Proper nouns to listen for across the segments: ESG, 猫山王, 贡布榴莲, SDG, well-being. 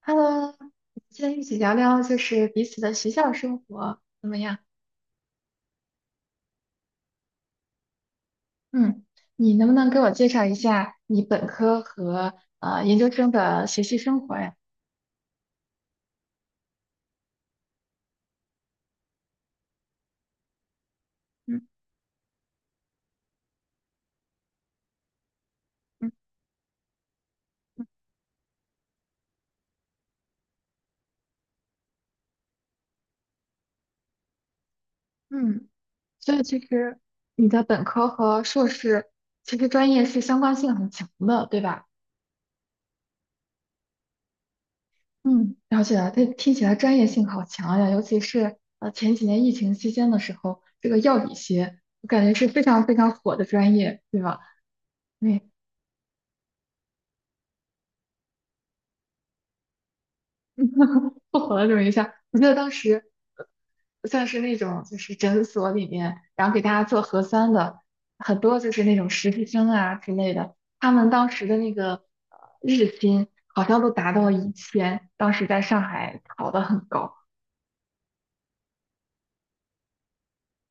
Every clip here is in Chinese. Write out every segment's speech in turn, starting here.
Hello，今天一起聊聊就是彼此的学校生活怎么样？嗯，你能不能给我介绍一下你本科和研究生的学习生活呀？嗯嗯，嗯，所以其实你的本科和硕士其实专业是相关性很强的，对吧？嗯，了解了，这听起来专业性好强呀，尤其是前几年疫情期间的时候，这个药理学我感觉是非常非常火的专业，对吧？不火了这么一下，我记得当时像是那种就是诊所里面，然后给大家做核酸的，很多就是那种实习生啊之类的，他们当时的那个日薪好像都达到了1000，当时在上海考得很高。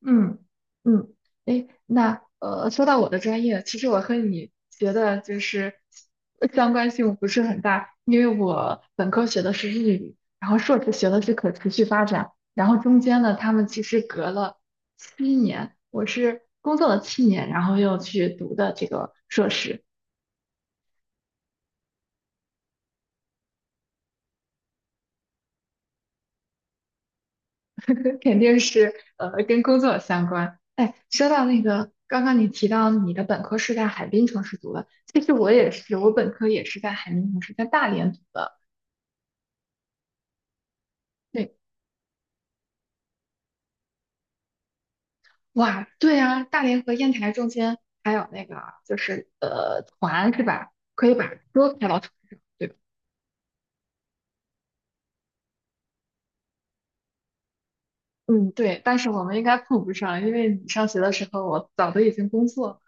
嗯嗯，哎，那，说到我的专业，其实我和你学的就是相关性不是很大，因为我本科学的是日语，然后硕士学的是可持续发展，然后中间呢，他们其实隔了七年，我是工作了七年，然后又去读的这个硕士，肯定是跟工作相关。哎，说到那个，刚刚你提到你的本科是在海滨城市读的，其实我也是，我本科也是在海滨城市，在大连读的。对，哇，对啊，大连和烟台中间还有那个就是团是吧？可以把车开到船上，对吧？嗯，对，但是我们应该碰不上，因为你上学的时候我早都已经工作了。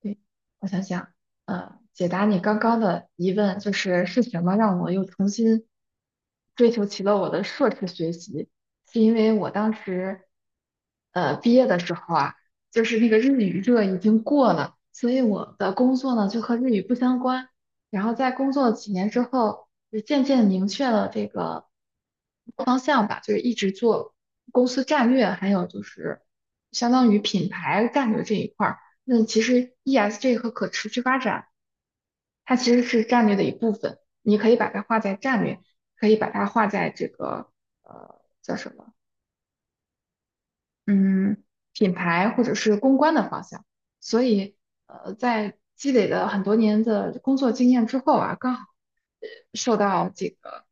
对，我想想，解答你刚刚的疑问，就是是什么让我又重新追求起了我的硕士学习？是因为我当时，毕业的时候啊，就是那个日语热已经过了，所以我的工作呢就和日语不相关。然后在工作几年之后，就渐渐明确了这个方向吧，就是一直做公司战略，还有就是相当于品牌战略这一块儿。那其实 ESG 和可持续发展，它其实是战略的一部分。你可以把它画在战略，可以把它画在这个叫什么嗯，品牌或者是公关的方向。所以，在积累了很多年的工作经验之后啊，刚好呃受到这个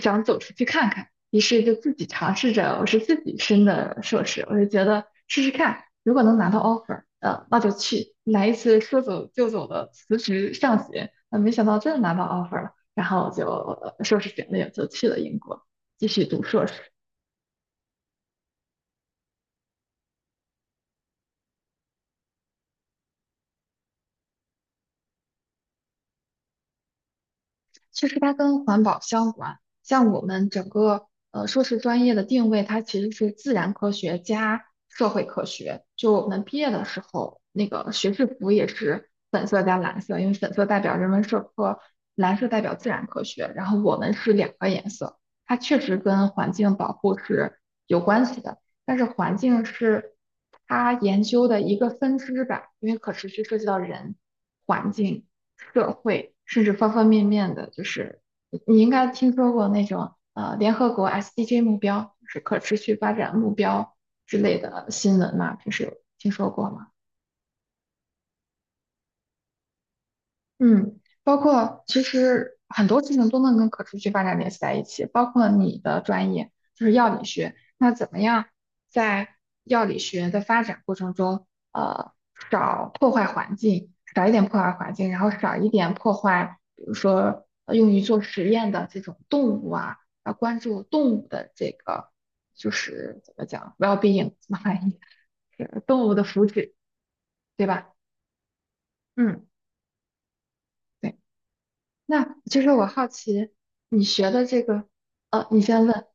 想走出去看看，于是就自己尝试着，我是自己申的硕士，我就觉得试试看，如果能拿到 offer，那就去来一次说走就走的辞职上学。没想到真的拿到 offer 了，然后就硕士简历就去了英国继续读硕士。其实它跟环保相关，像我们整个硕士专业的定位，它其实是自然科学加社会科学。就我们毕业的时候，那个学士服也是粉色加蓝色，因为粉色代表人文社科，蓝色代表自然科学。然后我们是两个颜色，它确实跟环境保护是有关系的，但是环境是它研究的一个分支吧，因为可持续涉及到人、环境。社会，甚至方方面面的，就是你应该听说过那种联合国 SDG 目标，就是可持续发展目标之类的新闻嘛，平时有听说过吗？嗯，包括其实很多事情都能跟可持续发展联系在一起，包括你的专业就是药理学，那怎么样在药理学的发展过程中，呃，少破坏环境，少一点破坏环境，然后少一点破坏，比如说用于做实验的这种动物啊，要关注动物的这个就是怎么讲 well-being 怎么翻译，是动物的福祉，对吧？嗯。对。那就是我好奇你学的这个，你先问，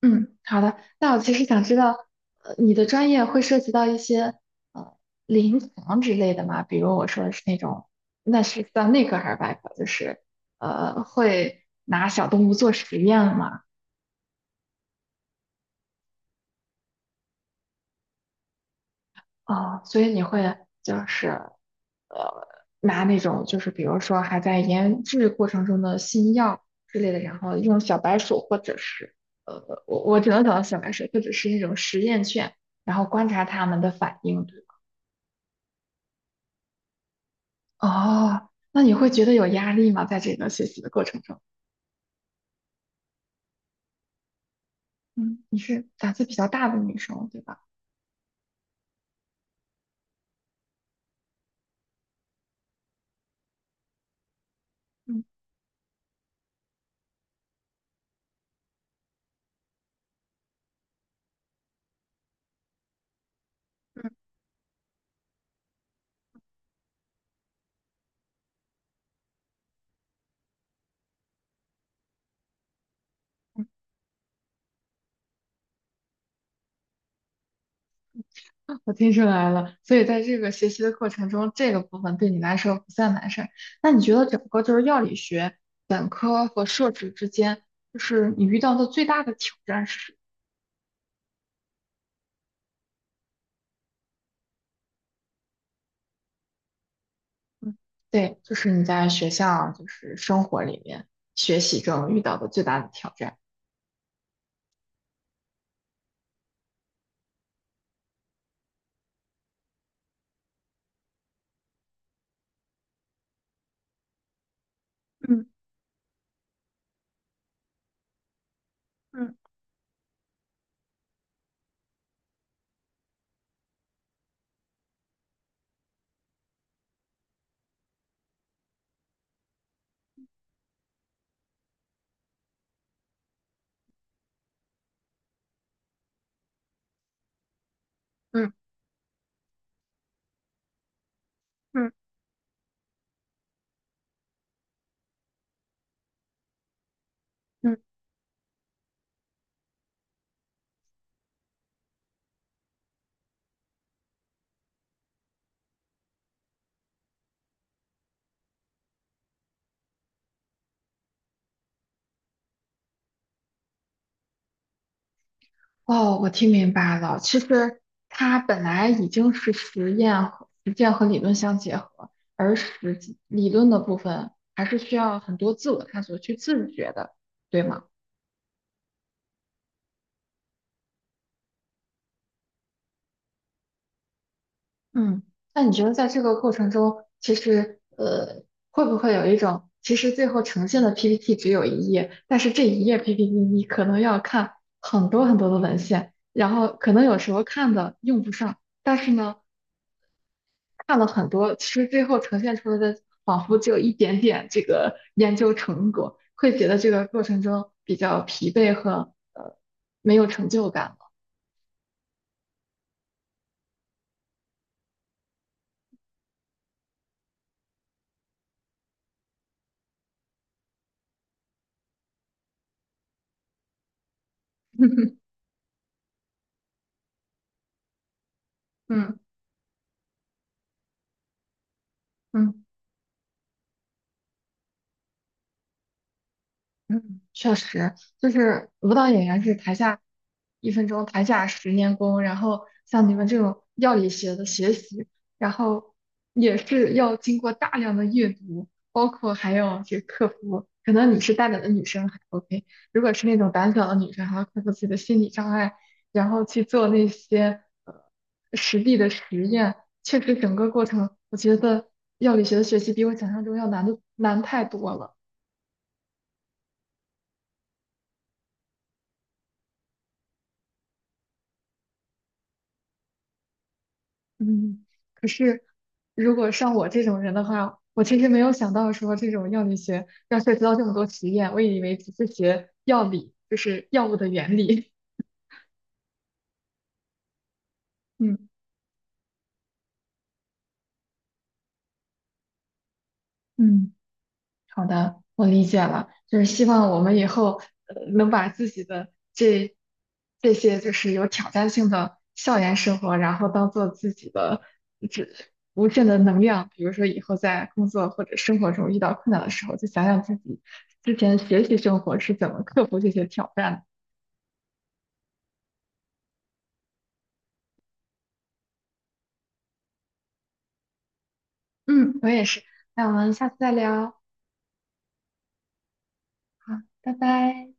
嗯，好的。那我其实想知道，你的专业会涉及到一些呃临床之类的吗？比如我说的是那种，那是算内科还是外科？就是会拿小动物做实验吗？哦，所以你会就是呃，拿那种就是比如说还在研制过程中的新药之类的，然后用小白鼠或者是我只能想到小白鼠或者是那种实验犬，然后观察它们的反应，对吧？哦，那你会觉得有压力吗？在这个学习的过程中，嗯，你是胆子比较大的女生，对吧？嗯，我听出来了，所以在这个学习的过程中，这个部分对你来说不算难事儿。那你觉得整个就是药理学本科和硕士之间，就是你遇到的最大的挑战是什么？对，就是你在学校就是生活里面学习中遇到的最大的挑战。嗯嗯嗯。哦，我听明白了。其实它本来已经是实验和实践和理论相结合，而实际理论的部分还是需要很多自我探索去自觉的，对吗？嗯，那你觉得在这个过程中，其实会不会有一种，其实最后呈现的 PPT 只有一页，但是这一页 PPT 你可能要看很多很多的文献，然后可能有时候看的用不上。但是呢，看了很多，其实最后呈现出来的仿佛只有一点点这个研究成果，会觉得这个过程中比较疲惫和没有成就感了。嗯嗯。嗯，确实，就是舞蹈演员是台下一分钟，台下十年功。然后像你们这种药理学的学习，然后也是要经过大量的阅读，包括还要去克服。可能你是大胆的女生还 OK，如果是那种胆小的女生，还要克服自己的心理障碍，然后去做那些实地的实验。确实，整个过程我觉得药理学的学习比我想象中要难的难太多了。嗯，可是如果像我这种人的话，我其实没有想到说这种药理学要涉及到这么多实验，我以为只是学药理，就是药物的原理。嗯嗯。好的，我理解了，就是希望我们以后能把自己的这这些就是有挑战性的校园生活，然后当做自己的这无限的能量。比如说以后在工作或者生活中遇到困难的时候，就想想自己之前学习生活是怎么克服这些挑战的。嗯，我也是，那我们下次再聊，好，拜拜。